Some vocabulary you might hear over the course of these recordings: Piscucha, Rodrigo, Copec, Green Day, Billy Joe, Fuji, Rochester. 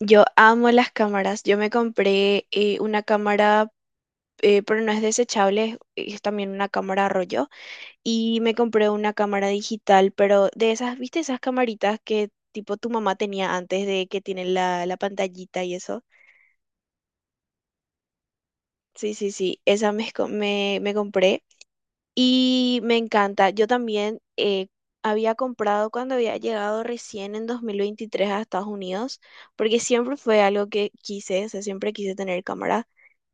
Yo amo las cámaras. Yo me compré una cámara, pero no es desechable, es también una cámara rollo. Y me compré una cámara digital, pero de esas, ¿viste esas camaritas que tipo tu mamá tenía antes de que tienen la pantallita y eso? Sí, sí, sí, esa me compré y me encanta. Yo también había comprado cuando había llegado recién en 2023 a Estados Unidos, porque siempre fue algo que quise, o sea, siempre quise tener cámara.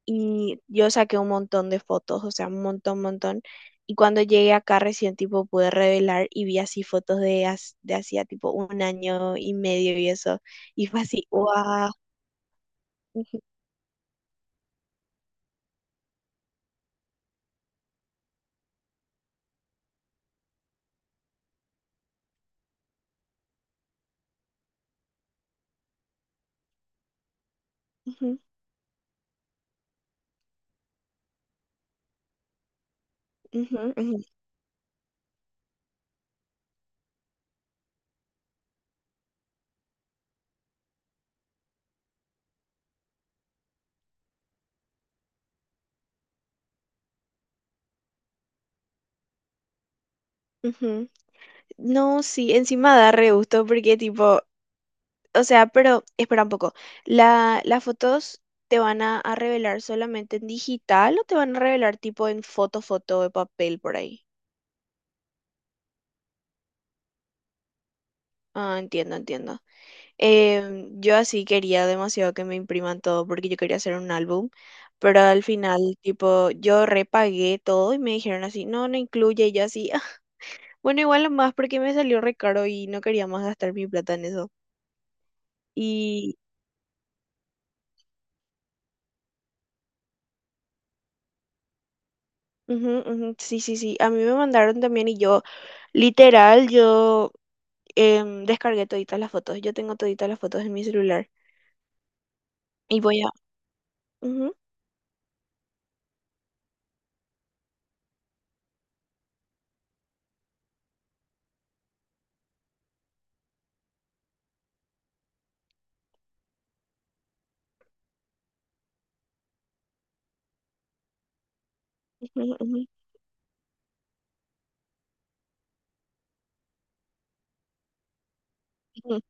Y yo saqué un montón de fotos, o sea, un montón, montón. Y cuando llegué acá recién tipo pude revelar y vi así fotos de hacía tipo un año y medio y eso. Y fue así, wow. Ujú, ujú, ujú, ujú. No, sí, encima da re gusto porque tipo. O sea, pero espera un poco. ¿Las fotos te van a revelar solamente en digital o te van a revelar tipo en foto de papel por ahí? Ah, entiendo, entiendo. Yo así quería demasiado que me impriman todo porque yo quería hacer un álbum, pero al final tipo yo repagué todo y me dijeron así, no, no incluye y yo así, "Ah, bueno, igual lo más porque me salió re caro y no quería más gastar mi plata en eso". Y ujú, ujú, sí, sí, sí, a mí me mandaron también y yo... Literal, yo descargué toditas las fotos. Yo tengo toditas las fotos en mi celular. Y voy a... Ujú, ujú, ujú, ujú,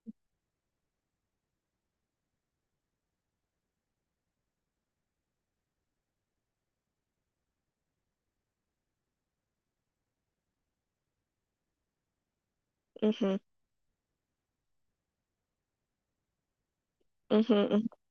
ujú, ujú, ujú.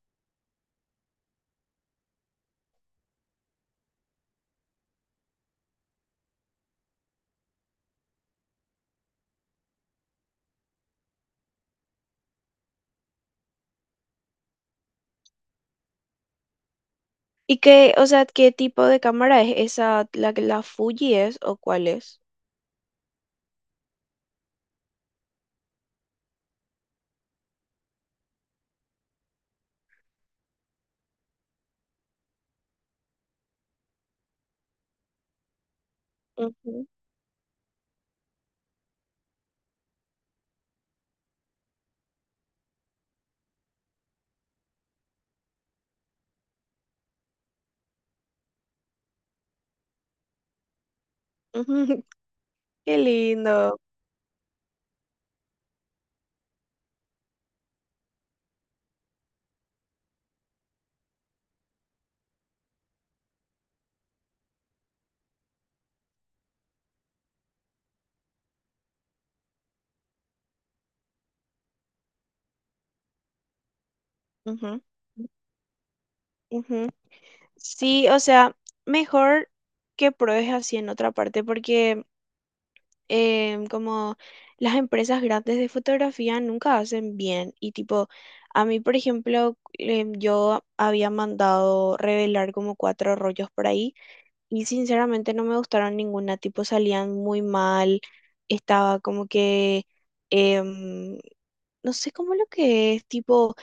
¿Y qué, o sea, qué tipo de cámara es esa? ¿La Fuji es o cuál es? Ujú, ujú. Qué lindo. Ujú, ujú. Sí, o sea, mejor que pruebes así en otra parte porque como las empresas grandes de fotografía nunca hacen bien y tipo, a mí por ejemplo, yo había mandado revelar como cuatro rollos por ahí y sinceramente no me gustaron ninguna, tipo salían muy mal, estaba como que, em, no sé cómo lo que es, tipo...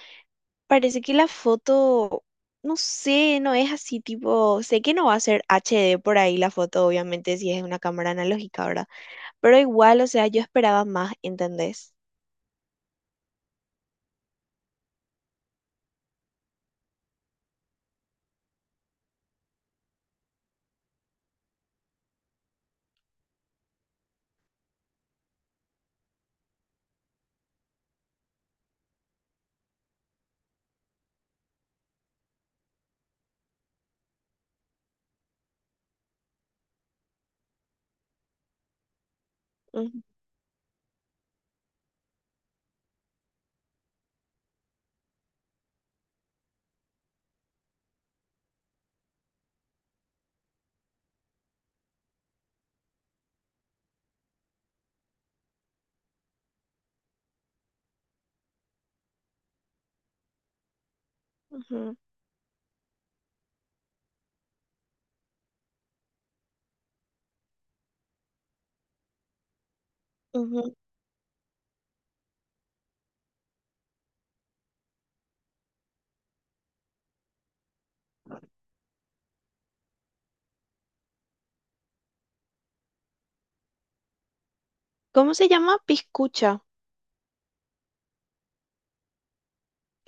Parece que la foto, no sé, no es así tipo, sé que no va a ser HD por ahí la foto, obviamente, si es una cámara analógica, ¿verdad? Pero igual, o sea, yo esperaba más, ¿entendés? Ujú, ujú, ujú. ¿Cómo se llama? Piscucha.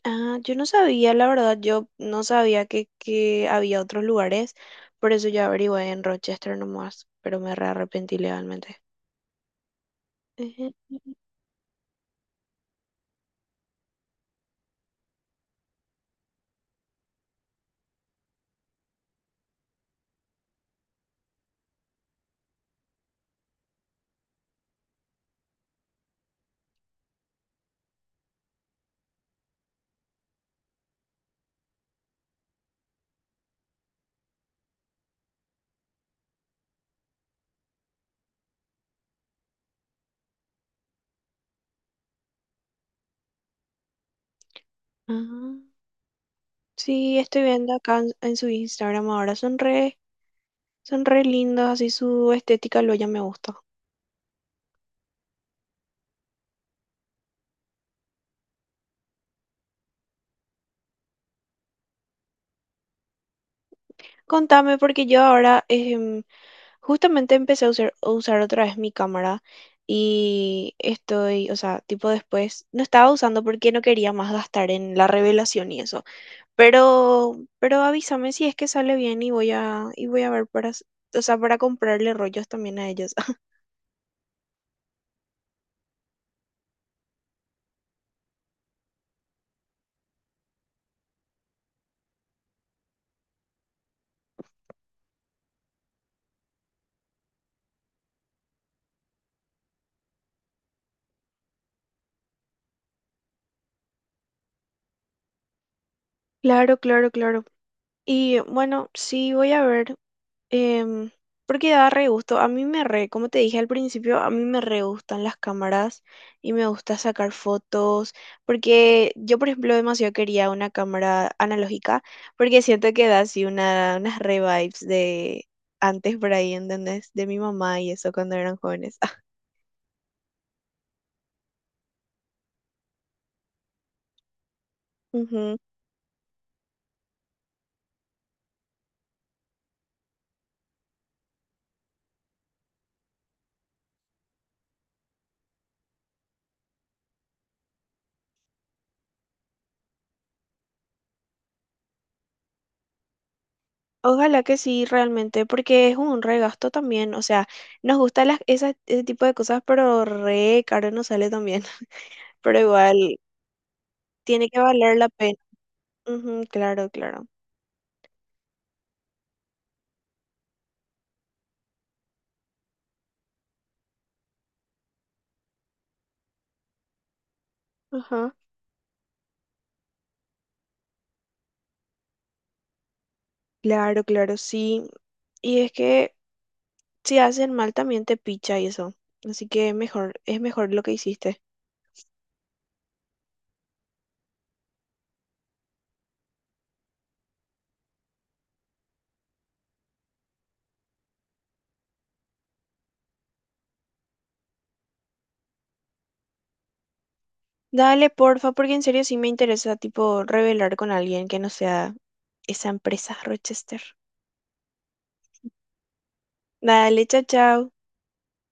Ah, yo no sabía, la verdad, yo no sabía que había otros lugares, por eso yo averigué en Rochester nomás, pero me re arrepentí legalmente. Ujú, ujú. Ah, sí, estoy viendo acá en su Instagram ahora, son re. Son re lindos, así su estética lo ya me gusta. Contame, porque yo ahora justamente empecé a usar, otra vez mi cámara y estoy, o sea, tipo después, no estaba usando porque no quería más gastar en la revelación y eso. Pero avísame si es que sale bien y voy a ver para, s- o sea, para comprarle rollos también a ellos. Claro, claro, claro. Y bueno, sí, voy a ver. em, Porque da re gusto. A mí me re, Como te dije al principio, a mí me re gustan las cámaras y me gusta sacar fotos. Porque yo, por ejemplo, demasiado quería una cámara analógica, porque siento que da así unas re vibes de antes por ahí, ¿entendés? De mi mamá y eso cuando eran jóvenes. Ujú. Ojalá que sí, realmente, porque es un regasto también. O sea, nos gusta ese tipo de cosas, pero re caro nos sale también. Pero igual, tiene que valer la pena. Ujú, claro, claro. Ajá. Claro, claro, sí. Y es que si hacen mal también te picha y eso. Así que mejor, es mejor lo que hiciste. Dale, porfa, porque en serio sí me interesa, tipo, revelar con alguien que no sea esa empresa Rochester. Dale, chao, chao.